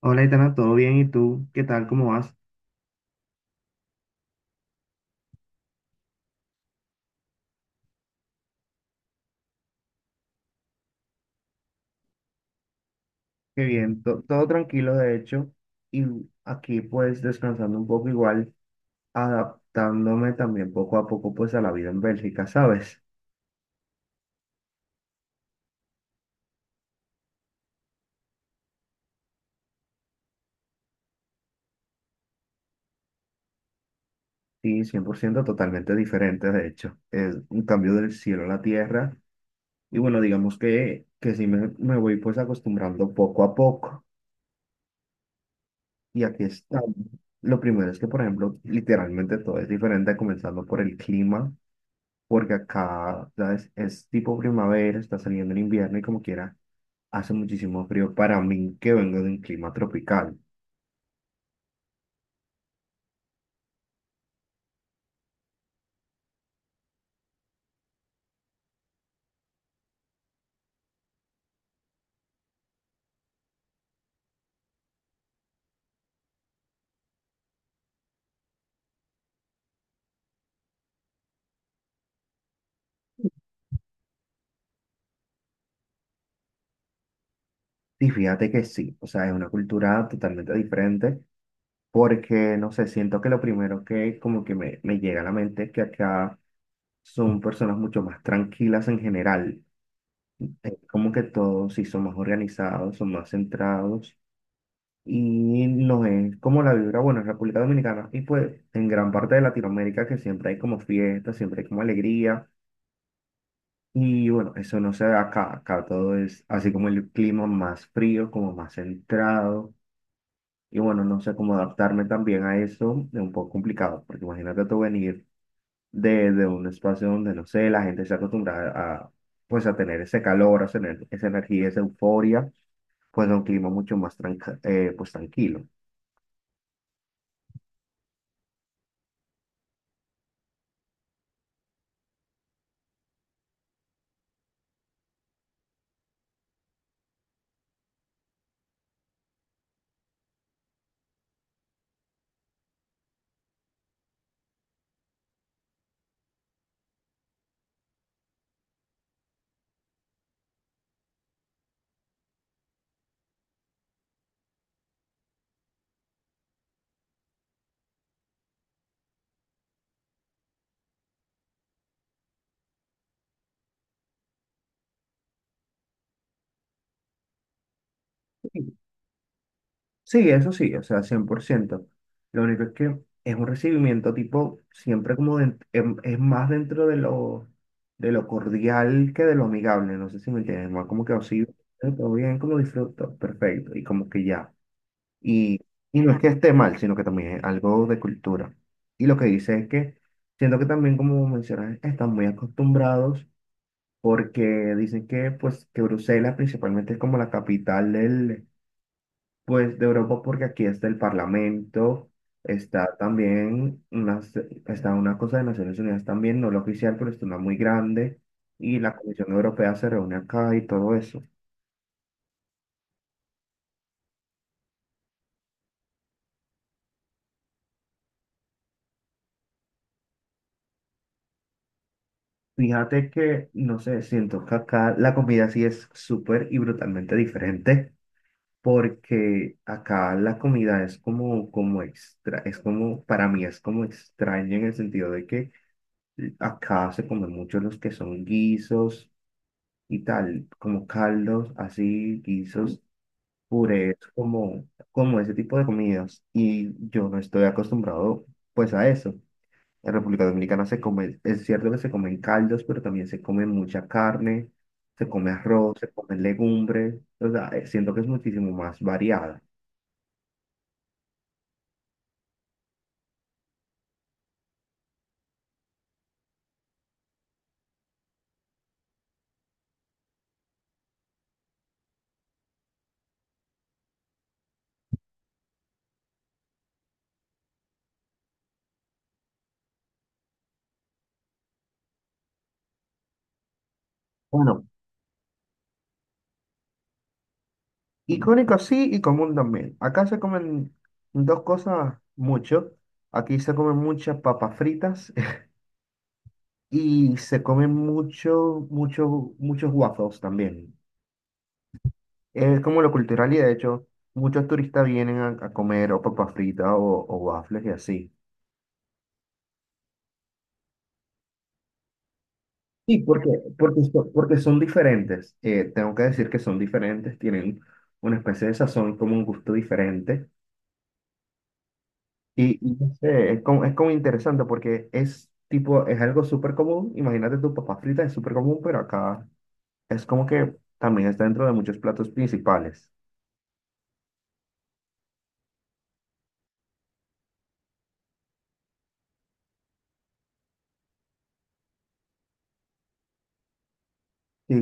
Hola, Itana, ¿todo bien? ¿Y tú? ¿Qué tal? ¿Cómo vas? Qué bien, todo tranquilo de hecho y aquí pues descansando un poco igual, adaptándome también poco a poco pues a la vida en Bélgica, ¿sabes? Sí, 100% totalmente diferente de hecho, es un cambio del cielo a la tierra y bueno, digamos que sí me voy pues acostumbrando poco a poco y aquí estamos. Lo primero es que por ejemplo literalmente todo es diferente comenzando por el clima. Porque acá, ¿sabes? Es tipo primavera, está saliendo el invierno y como quiera, hace muchísimo frío para mí que vengo de un clima tropical. Y fíjate que sí, o sea, es una cultura totalmente diferente porque, no sé, siento que lo primero que como que me llega a la mente es que acá son personas mucho más tranquilas en general. Es como que todos sí son más organizados, son más centrados y no es como la vibra, bueno, en República Dominicana y pues en gran parte de Latinoamérica que siempre hay como fiesta, siempre hay como alegría y bueno, eso no se da acá, acá todo es así como el clima más frío, como más centrado y bueno, no sé cómo adaptarme también a eso, es un poco complicado, porque imagínate tú venir de un espacio donde, no sé, la gente se acostumbra a, pues a tener ese calor, a tener esa energía, esa euforia, pues a un clima mucho más pues tranquilo. Sí, eso sí, o sea, cien por ciento. Lo único es que es un recibimiento tipo, siempre como es más dentro de lo, cordial que de lo amigable, no sé si me entiendes, más como que así, todo bien, como disfruto, perfecto, y como que ya. Y, y no es que esté mal, sino que también es algo de cultura. Y lo que dice es que siento que también, como mencionas, están muy acostumbrados porque dicen que, pues, que Bruselas principalmente es como la capital del, pues de Europa porque aquí está el Parlamento, está también una, está una cosa de Naciones Unidas también, no la oficial, pero está una muy grande, y la Comisión Europea se reúne acá y todo eso. Fíjate que, no sé, siento que acá la comida sí es súper y brutalmente diferente, porque acá la comida es como extra, es como, para mí es como extraña en el sentido de que acá se comen mucho los que son guisos y tal, como caldos, así, guisos, purés, como ese tipo de comidas. Y yo no estoy acostumbrado pues a eso. En República Dominicana se come, es cierto que se comen caldos, pero también se come mucha carne, se come arroz, se comen legumbres, o sea, siento que es muchísimo más variada. Bueno, icónico sí y común también. Acá se comen dos cosas mucho. Aquí se comen muchas papas fritas y se comen mucho, mucho, muchos waffles también. Es como lo cultural y de hecho, muchos turistas vienen a comer o papas fritas o waffles y así. Sí, porque, porque son diferentes. Tengo que decir que son diferentes, tienen una especie de sazón, como un gusto diferente. Y no sé, es como, interesante porque es algo súper común. Imagínate tu papa frita, es súper común, pero acá es como que también está dentro de muchos platos principales. Sí,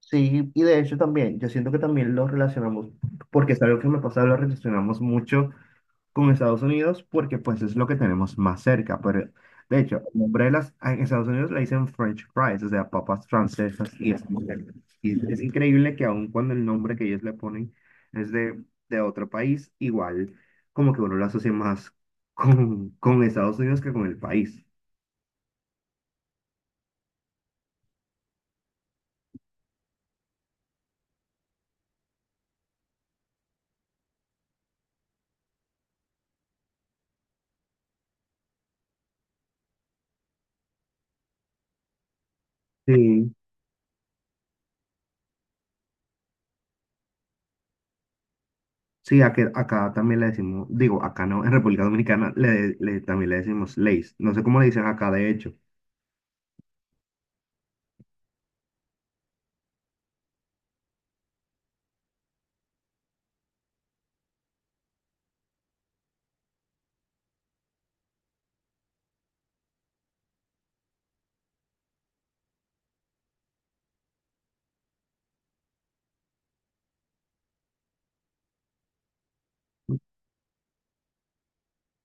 sí, y de hecho también, yo siento que también lo relacionamos, porque es algo que me pasa, lo relacionamos mucho con Estados Unidos, porque pues es lo que tenemos más cerca. Pero de hecho, el nombre de las, en Estados Unidos le dicen French fries, o sea, papas francesas, y es, muy cerca. Y es increíble que aun cuando el nombre que ellos le ponen es de otro país, igual como que uno lo asocia más con, Estados Unidos que con el país. Sí, sí, acá también le decimos, digo, acá no, en República Dominicana también le decimos leis. No sé cómo le dicen acá, de hecho.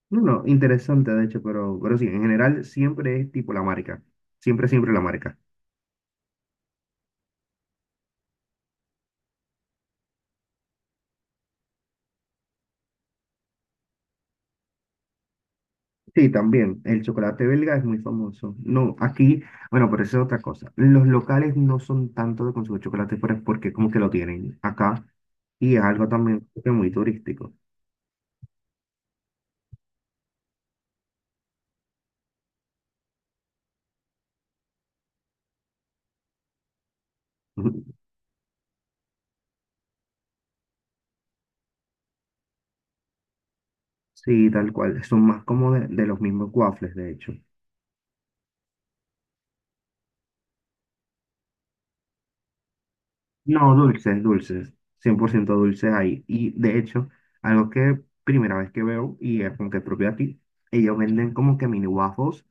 No, no, interesante, de hecho, pero sí, en general siempre es tipo la marca. Siempre, siempre la marca. Sí, también, el chocolate belga es muy famoso. No, aquí, bueno, pero eso es otra cosa. Los locales no son tanto de consumir chocolate, pero es porque como que lo tienen acá y es algo también como que muy turístico. Sí, tal cual. Son más como de los mismos waffles, de hecho. No, dulces, dulces, 100% dulces ahí. Y de hecho, algo que primera vez que veo y es como que propio aquí, ellos venden como que mini waffles,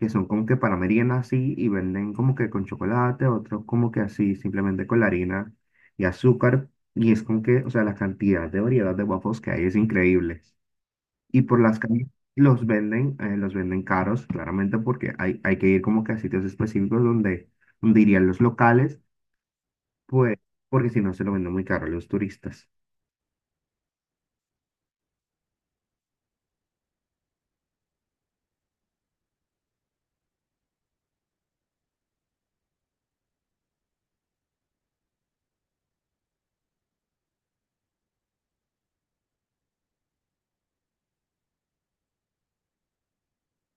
que son como que para merienda así, y venden como que con chocolate, otros como que así, simplemente con la harina y azúcar. Y es como que, o sea, la cantidad de variedad de waffles que hay es increíble. Y por las calles los venden caros, claramente, porque hay que ir como que a sitios específicos donde, irían los locales pues, porque si no se lo venden muy caro a los turistas.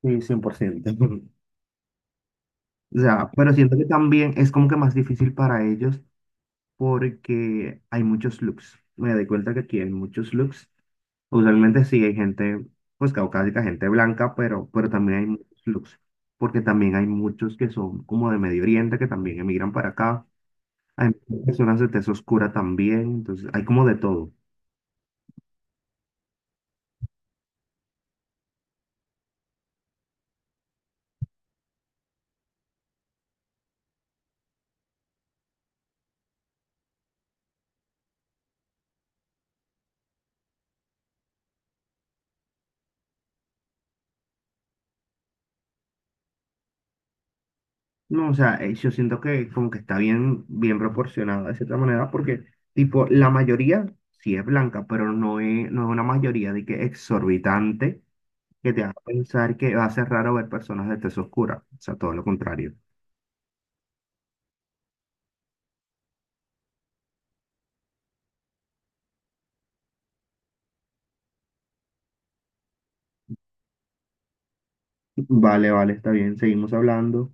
Sí, 100%. O sea, pero siento que también es como que más difícil para ellos porque hay muchos looks. Me doy cuenta que aquí hay muchos looks. Usualmente sí hay gente, pues caucásica, gente blanca, pero también hay muchos looks. Porque también hay muchos que son como de Medio Oriente, que también emigran para acá. Hay personas de tez oscura también, entonces hay como de todo. No, o sea, yo siento que como que está bien, bien proporcionado de cierta manera, porque, tipo, la mayoría sí es blanca, pero no es una mayoría de que exorbitante que te haga pensar que va a ser raro ver personas de tez oscura. O sea, todo lo contrario. Vale, vale, está bien, seguimos hablando.